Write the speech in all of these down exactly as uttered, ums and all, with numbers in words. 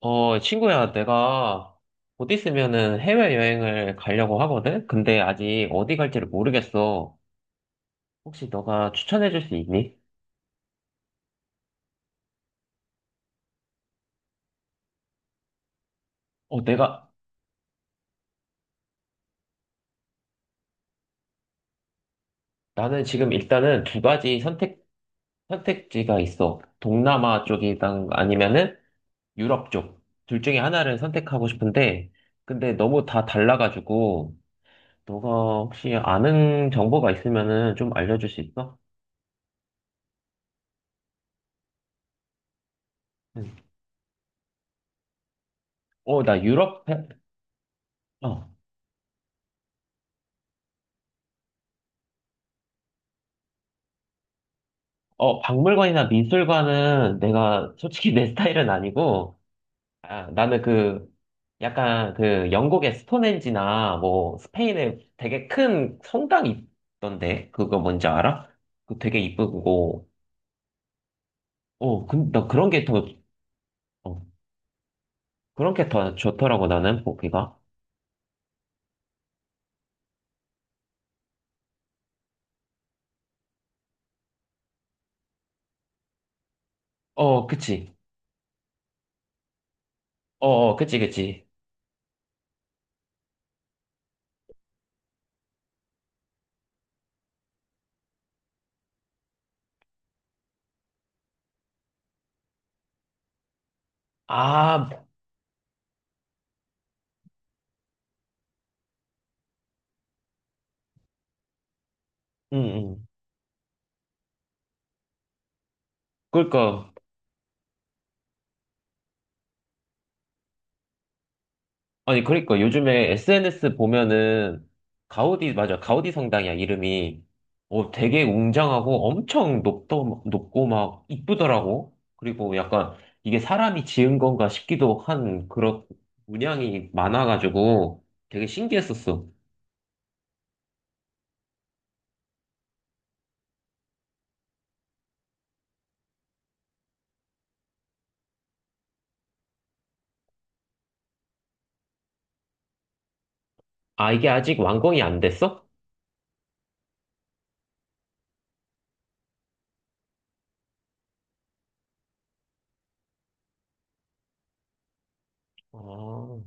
어, 친구야, 내가 곧 있으면은 해외여행을 가려고 하거든? 근데 아직 어디 갈지를 모르겠어. 혹시 너가 추천해줄 수 있니? 어, 내가, 나는 지금 일단은 두 가지 선택, 선택지가 있어. 동남아 쪽이랑 아니면은 유럽 쪽. 둘 중에 하나를 선택하고 싶은데, 근데 너무 다 달라가지고, 너가 혹시 아는 정보가 있으면은 좀 알려줄 수 있어? 응. 어, 나 유럽, 해- 어. 어, 박물관이나 미술관은 내가 솔직히 내 스타일은 아니고, 아, 나는 그, 약간 그 영국의 스톤헨지나 뭐 스페인에 되게 큰 성당이 있던데, 그거 뭔지 알아? 그 되게 이쁘고, 어, 근, 나 그런 게 더, 어, 그런 게 더 좋더라고, 나는, 보기가. 어, 그치. 어, 어, 그치, 그치. 아, 응, 응. 그니까, 아니, 그러니까 요즘에 에스엔에스 보면은 가우디, 맞아. 가우디 성당이야, 이름이. 어, 되게 웅장하고 엄청 높도, 높고 막 이쁘더라고. 그리고 약간 이게 사람이 지은 건가 싶기도 한 그런 문양이 많아가지고 되게 신기했었어. 아, 이게 아직 완공이 안 됐어? 아,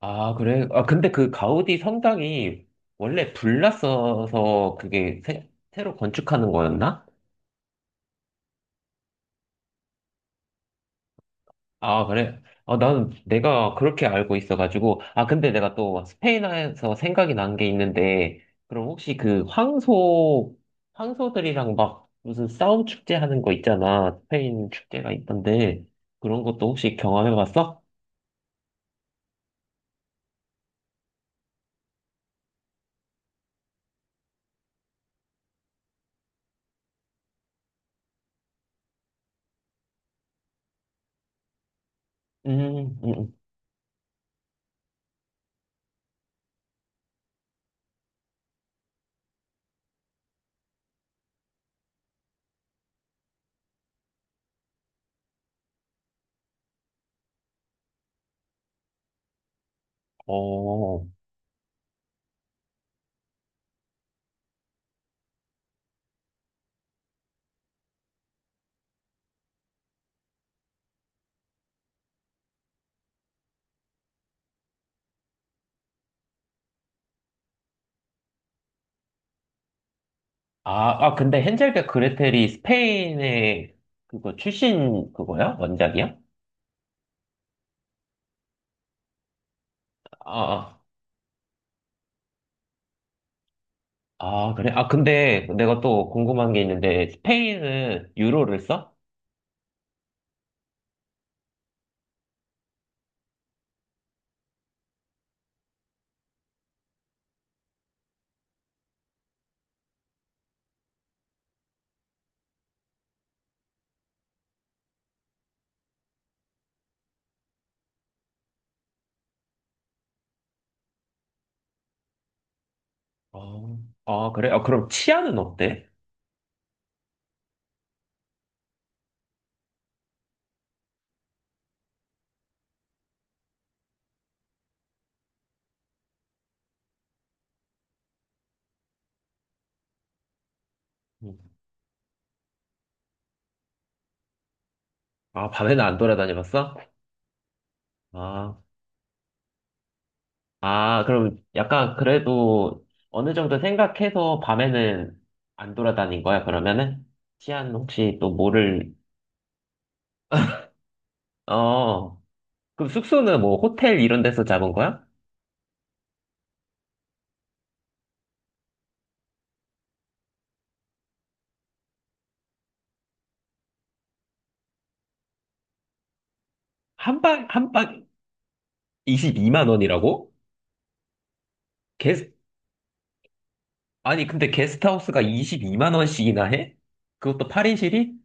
아, 그래? 아, 근데 그 가우디 성당이 원래 불났어서 그게 새, 새로 건축하는 거였나? 아, 그래? 아, 나는 내가 그렇게 알고 있어가지고. 아, 근데 내가 또 스페인에서 생각이 난 게 있는데, 그럼 혹시 그 황소, 황소들이랑 막 무슨 싸움 축제 하는 거 있잖아. 스페인 축제가 있던데, 그런 것도 혹시 경험해봤어? 음, 음, 음. 어. 아, 아, 근데 헨젤과 그레텔이 스페인의 그거 출신 그거야? 원작이야? 아, 아, 아, 그래? 아, 근데 내가 또 궁금한 게 있는데, 스페인은 유로를 써? 어. 아, 그래? 아, 그럼 치아는 어때? 음. 아, 밤에는 안 돌아다녀봤어? 아, 아, 그럼 약간 그래도 어느 정도 생각해서 밤에는 안 돌아다닌 거야, 그러면은? 치안 혹시 또 뭐를, 어, 그럼 숙소는 뭐 호텔 이런 데서 잡은 거야? 한 박, 한 박 이십이만 원이라고? 게스, 아니, 근데 게스트하우스가 이십이만 원씩이나 해? 그것도 파인실이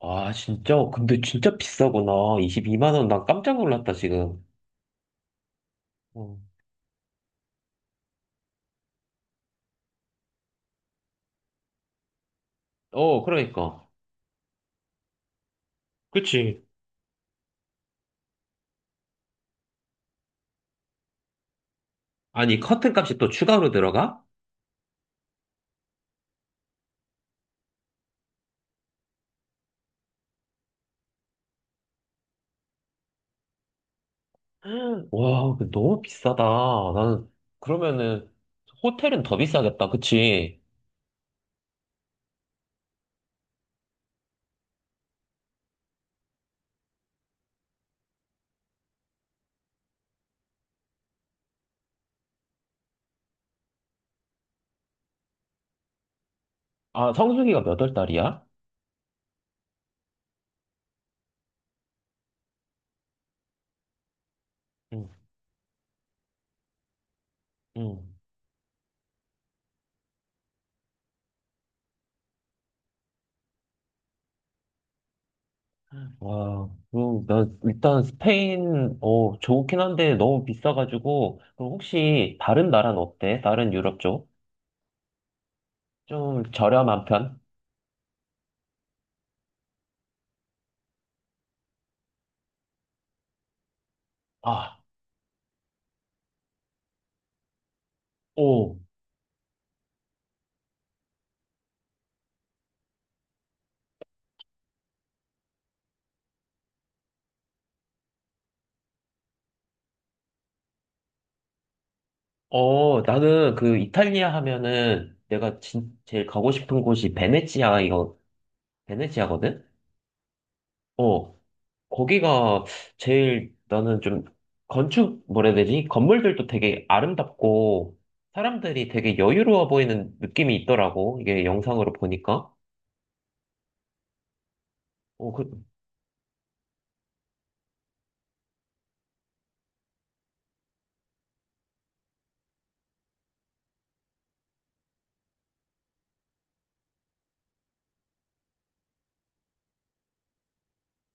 아, 진짜? 근데 진짜 비싸구나. 이십이만 원, 난 깜짝 놀랐다, 지금. 어, 어, 그러니까. 그치. 아니, 커튼 값이 또 추가로 들어가? 와, 근데 너무 비싸다. 나는, 그러면은, 호텔은 더 비싸겠다. 그치? 아, 성수기가 몇월 달이야? 응, 응. 와, 그럼 나 일단 스페인, 어, 좋긴 한데 너무 비싸가지고, 그럼 혹시 다른 나라는 어때? 다른 유럽 쪽? 좀 저렴한 편? 아, 오. 어, 나는 그 이탈리아 하면은 내가 진, 제일 가고 싶은 곳이 베네치아, 이거, 베네치아거든? 어, 거기가 제일 나는 좀 건축, 뭐라 해야 되지? 건물들도 되게 아름답고 사람들이 되게 여유로워 보이는 느낌이 있더라고. 이게 영상으로 보니까. 어, 그,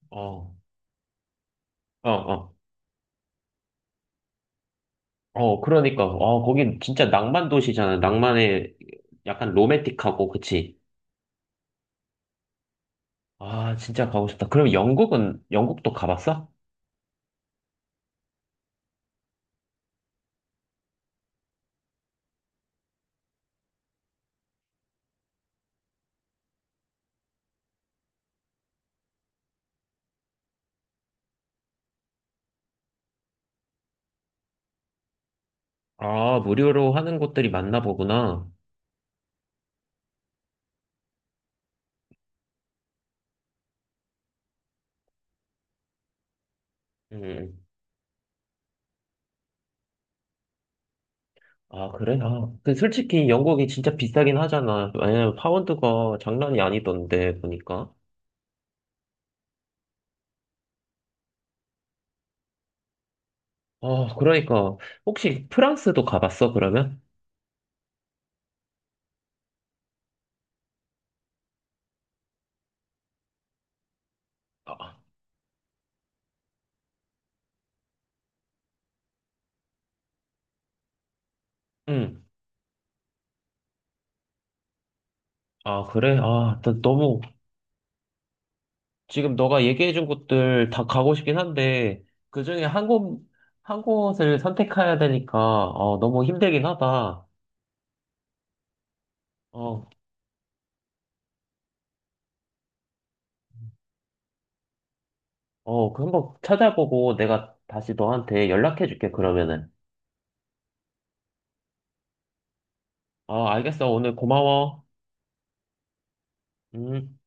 어, 어, 어. 어, 그러니까. 어, 거긴 진짜 낭만 도시잖아. 낭만의 약간 로맨틱하고, 그치? 아, 진짜 가고 싶다. 그럼 영국은, 영국도 가봤어? 아, 무료로 하는 곳들이 많나 보구나. 음. 아, 그래? 아, 그 솔직히 영국이 진짜 비싸긴 하잖아. 왜냐면 파운드가 장난이 아니던데, 보니까. 아, 그러니까. 혹시 프랑스도 가봤어, 그러면? 아, 응. 아, 그래? 아, 나 너무, 지금 너가 얘기해준 곳들 다 가고 싶긴 한데, 그 중에 한 곳, 한 곳을 선택해야 되니까, 어, 너무 힘들긴 하다. 어, 어, 그 한번 찾아보고 내가 다시 너한테 연락해줄게, 그러면은. 어, 알겠어. 오늘 고마워. 음.